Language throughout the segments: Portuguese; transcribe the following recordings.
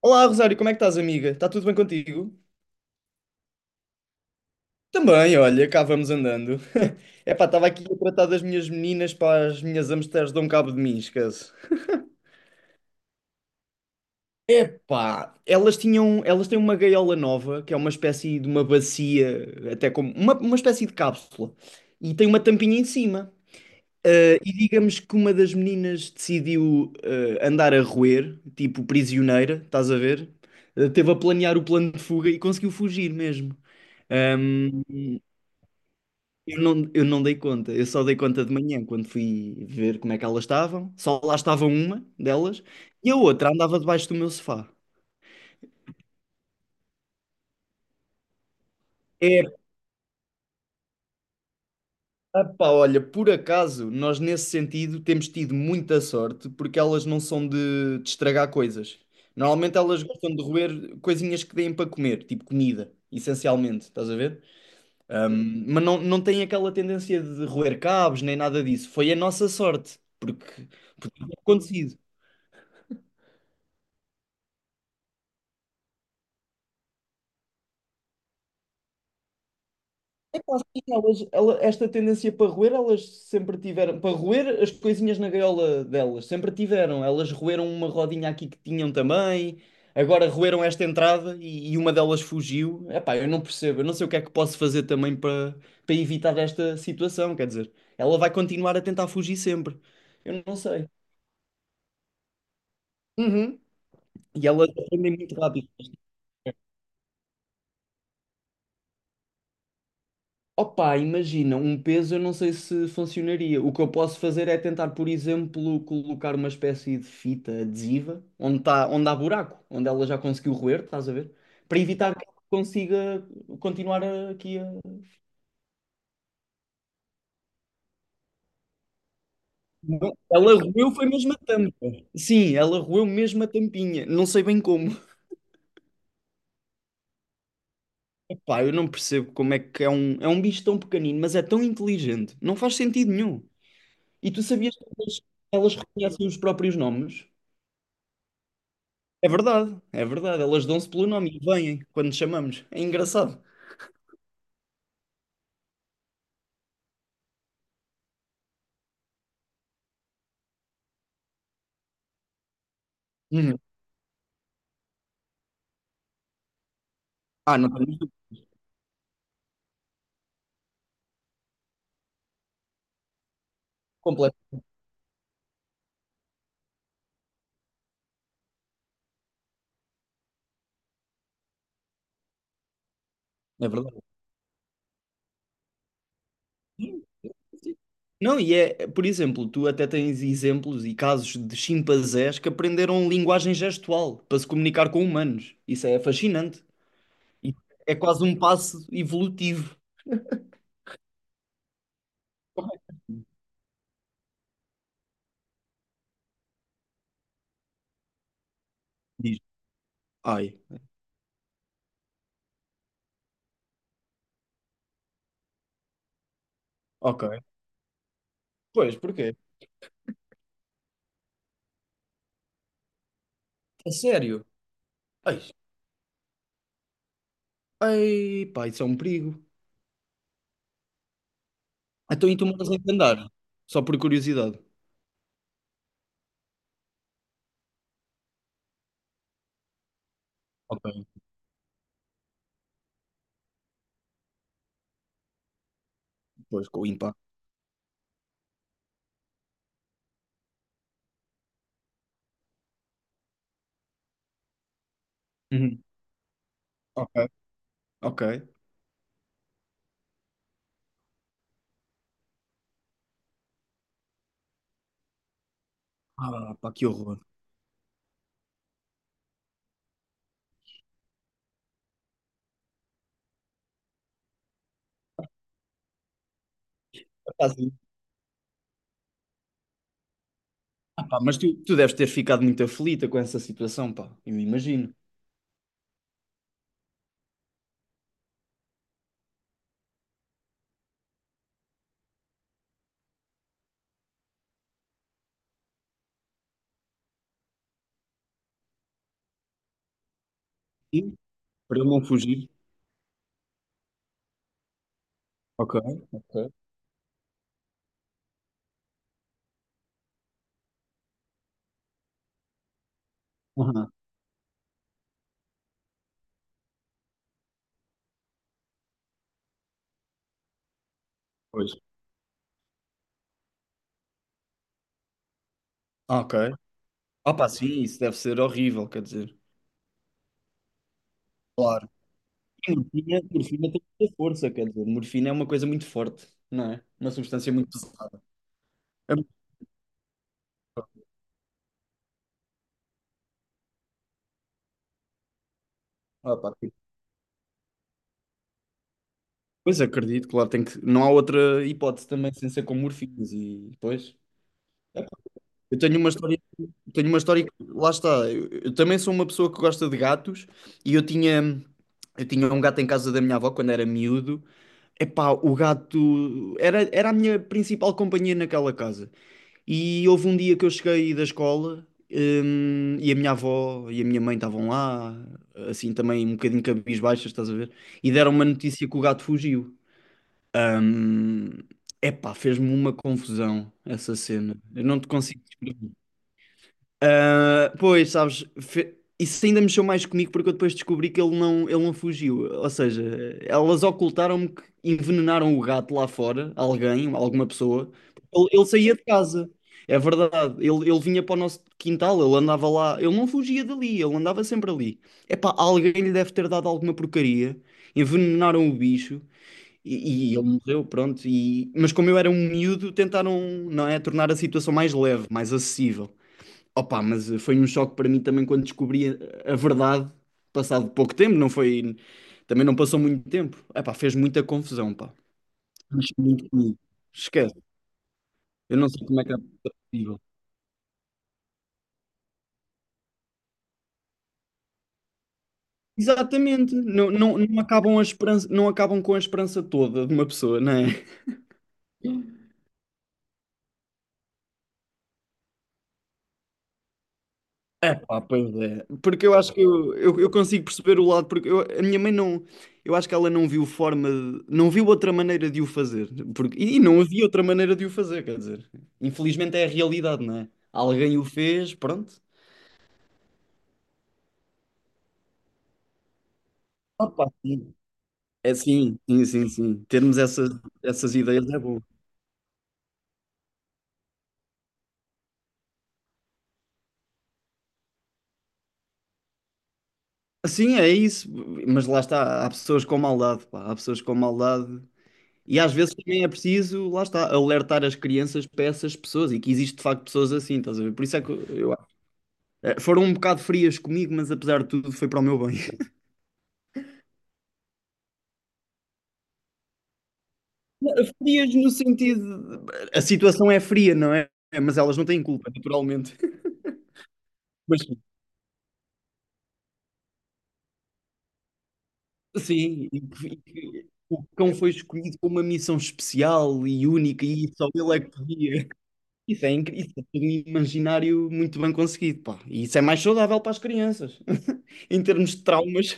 Olá, Rosário, como é que estás, amiga? Está tudo bem contigo? Também, olha, cá vamos andando. Epá, estava aqui a tratar das minhas meninas para as minhas hamsters dão cabo de mim, esquece. Epá, elas têm uma gaiola nova, que é uma espécie de uma bacia, até como uma espécie de cápsula, e tem uma tampinha em cima. Ah, e digamos que uma das meninas decidiu andar a roer, tipo prisioneira, estás a ver? Ah, teve a planear o plano de fuga e conseguiu fugir mesmo. Eu não dei conta, eu só dei conta de manhã quando fui ver como é que elas estavam. Só lá estava uma delas e a outra andava debaixo do meu sofá. É, pá, olha, por acaso nós nesse sentido temos tido muita sorte porque elas não são de estragar coisas. Normalmente elas gostam de roer coisinhas que deem para comer, tipo comida, essencialmente, estás a ver? Mas não, não têm aquela tendência de roer cabos nem nada disso. Foi a nossa sorte, porque, porque tinha acontecido. Epá, sim, esta tendência para roer, elas sempre tiveram. Para roer as coisinhas na gaiola delas, sempre tiveram. Elas roeram uma rodinha aqui que tinham também, agora roeram esta entrada e uma delas fugiu. Epá, eu não percebo, eu não sei o que é que posso fazer também para, para evitar esta situação. Quer dizer, ela vai continuar a tentar fugir sempre. Eu não sei. Uhum. E elas aprendem muito rápido. Opa, imagina, um peso eu não sei se funcionaria. O que eu posso fazer é tentar, por exemplo, colocar uma espécie de fita adesiva onde, tá, onde há buraco, onde ela já conseguiu roer, estás a ver? Para evitar que ela consiga continuar aqui a. Não, ela roeu foi mesmo a tampa. Sim, ela roeu mesmo a tampinha. Não sei bem como. Pá, eu não percebo como é que é é um bicho tão pequenino, mas é tão inteligente. Não faz sentido nenhum. E tu sabias que elas reconhecem os próprios nomes? É verdade, é verdade. Elas dão-se pelo nome e vêm quando chamamos. É engraçado. Uhum. Ah, não temos dúvida, completo. É verdade. Sim, sim. Não, e é, por exemplo, tu até tens exemplos e casos de chimpanzés que aprenderam linguagem gestual para se comunicar com humanos. Isso é fascinante. E É quase um passo evolutivo. Diz. Ai, ok. Pois, porquê? A sério? Ai, ai, pá, isso é um perigo. Então, e tu moras em que andar? Só por curiosidade. Ok, pois, com o impacto. Ok, ok. Ah, pá, que horror. Está assim. Ah, pá, mas tu deves ter ficado muito aflita com essa situação, pá. Eu me imagino. E para ele não fugir. Ok, ok. Aham. Pois, ah, ok. Ah, pá, sim, isso deve ser horrível, quer dizer. Claro. E morfina, morfina tem muita força, quer dizer, morfina é uma coisa muito forte, não é? Uma substância muito pesada. É muito- ah, pá, que- pois acredito, claro, tem que... não há outra hipótese também sem ser com morfinas e depois. Eu tenho uma história Tenho uma história que, lá está, eu também sou uma pessoa que gosta de gatos e eu tinha um gato em casa da minha avó quando era miúdo. Epá, o gato era a minha principal companhia naquela casa. E houve um dia que eu cheguei da escola, e a minha avó e a minha mãe estavam lá, assim também um bocadinho cabisbaixas, estás a ver? E deram uma notícia que o gato fugiu. Hum, epá, fez-me uma confusão essa cena. Eu não te consigo descrever. Ah, pois, sabes, isso ainda mexeu mais comigo porque eu depois descobri que ele não fugiu. Ou seja, elas ocultaram-me que envenenaram o gato lá fora, alguém, alguma pessoa. Ele saía de casa, é verdade. Ele vinha para o nosso quintal, ele andava lá, ele não fugia dali, ele andava sempre ali. Epá, alguém lhe deve ter dado alguma porcaria, envenenaram o bicho e ele morreu, pronto. E, mas como eu era um miúdo, tentaram, não é, tornar a situação mais leve, mais acessível. Opa, mas foi um choque para mim também quando descobri a verdade, passado pouco tempo, não foi, também não passou muito tempo. Epá, fez muita confusão, pá. Mas muito comigo. Esquece. Eu não sei como é que é possível. Exatamente, não, não, não acabam a esperança, não acabam com a esperança toda de uma pessoa, não é? É pá, pois é. Porque eu acho que eu consigo perceber o lado, porque a minha mãe não. Eu acho que ela não viu forma. De- não viu outra maneira de o fazer. Porque, e não havia outra maneira de o fazer, quer dizer. Infelizmente é a realidade, não é? Alguém o fez, pronto. Opa, sim. É sim, sim, sim, sim. Termos essas, essas ideias é bom. Sim, é isso. Mas lá está, há pessoas com maldade, pá. Há pessoas com maldade. E às vezes também é preciso, lá está, alertar as crianças para essas pessoas e que existe de facto pessoas assim, estás a ver? Por isso é que eu, foram um bocado frias comigo, mas apesar de tudo foi para o meu bem. Frias no sentido. De- A situação é fria, não é? É, mas elas não têm culpa, naturalmente. Mas sim, e o cão foi escolhido com uma missão especial e única e só ele é que podia. Isso é incrível, isso é tudo um imaginário muito bem conseguido, pá. E isso é mais saudável para as crianças, em termos de traumas.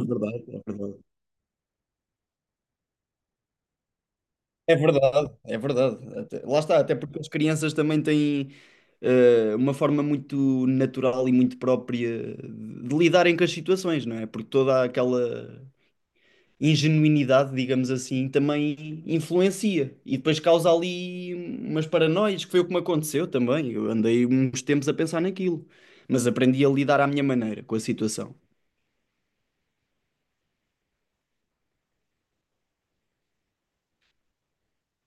É verdade, é verdade. É verdade, é verdade. Até- lá está, até porque as crianças também têm uma forma muito natural e muito própria de lidarem com as situações, não é? Porque toda aquela ingenuinidade, digamos assim, também influencia e depois causa ali umas paranoias, que foi o que me aconteceu também. Eu andei uns tempos a pensar naquilo, mas aprendi a lidar à minha maneira com a situação.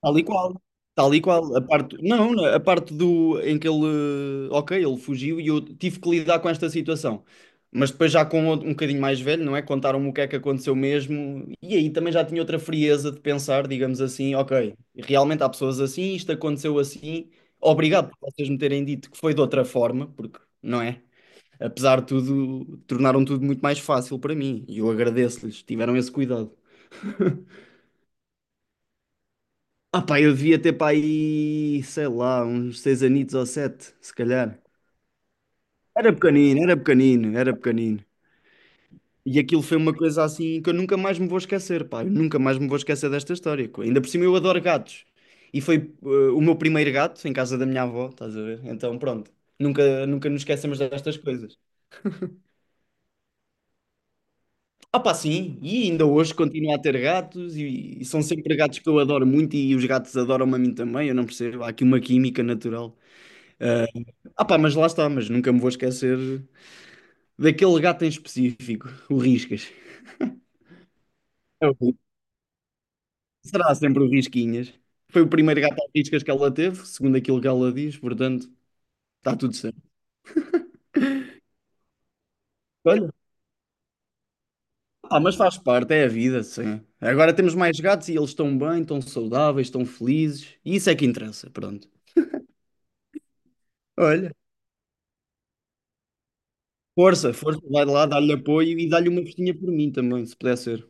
Tal e qual. Tal e qual. A parte, não, não, a parte do em que ele, ok, ele fugiu e eu tive que lidar com esta situação. Mas depois já com outro- um bocadinho mais velho, não é? Contaram-me o que é que aconteceu mesmo. E aí também já tinha outra frieza de pensar, digamos assim, ok, realmente há pessoas assim, isto aconteceu assim. Obrigado por vocês me terem dito que foi de outra forma, porque, não é? Apesar de tudo, tornaram tudo muito mais fácil para mim. E eu agradeço-lhes, tiveram esse cuidado. Ah pá, eu devia ter para aí, sei lá, uns seis anitos ou sete, se calhar. Era pequenino, era pequenino, era pequenino. E aquilo foi uma coisa assim que eu nunca mais me vou esquecer, pá. Eu nunca mais me vou esquecer desta história. Ainda por cima eu adoro gatos. E foi o meu primeiro gato em casa da minha avó, estás a ver? Então pronto, nunca, nunca nos esquecemos destas coisas. Ah pá, sim, e ainda hoje continuo a ter gatos e são sempre gatos que eu adoro muito e os gatos adoram-me a mim também, eu não percebo. Há aqui uma química natural. Ah, ah pá, mas lá está, mas nunca me vou esquecer daquele gato em específico, o Riscas. É o será sempre o Risquinhas. Foi o primeiro gato a Riscas que ela teve, segundo aquilo que ela diz, portanto, está tudo certo. Olha, ah, mas faz parte, é a vida, sim. Agora temos mais gatos e eles estão bem, estão saudáveis, estão felizes, e isso é que interessa, pronto. Olha, força, força, vai lá, dá-lhe apoio e dá-lhe uma festinha por mim também, se puder ser.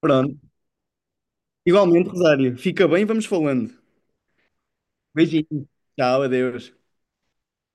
Pronto. Igualmente, Rosário, fica bem, vamos falando. Beijinho. Tchau, adeus.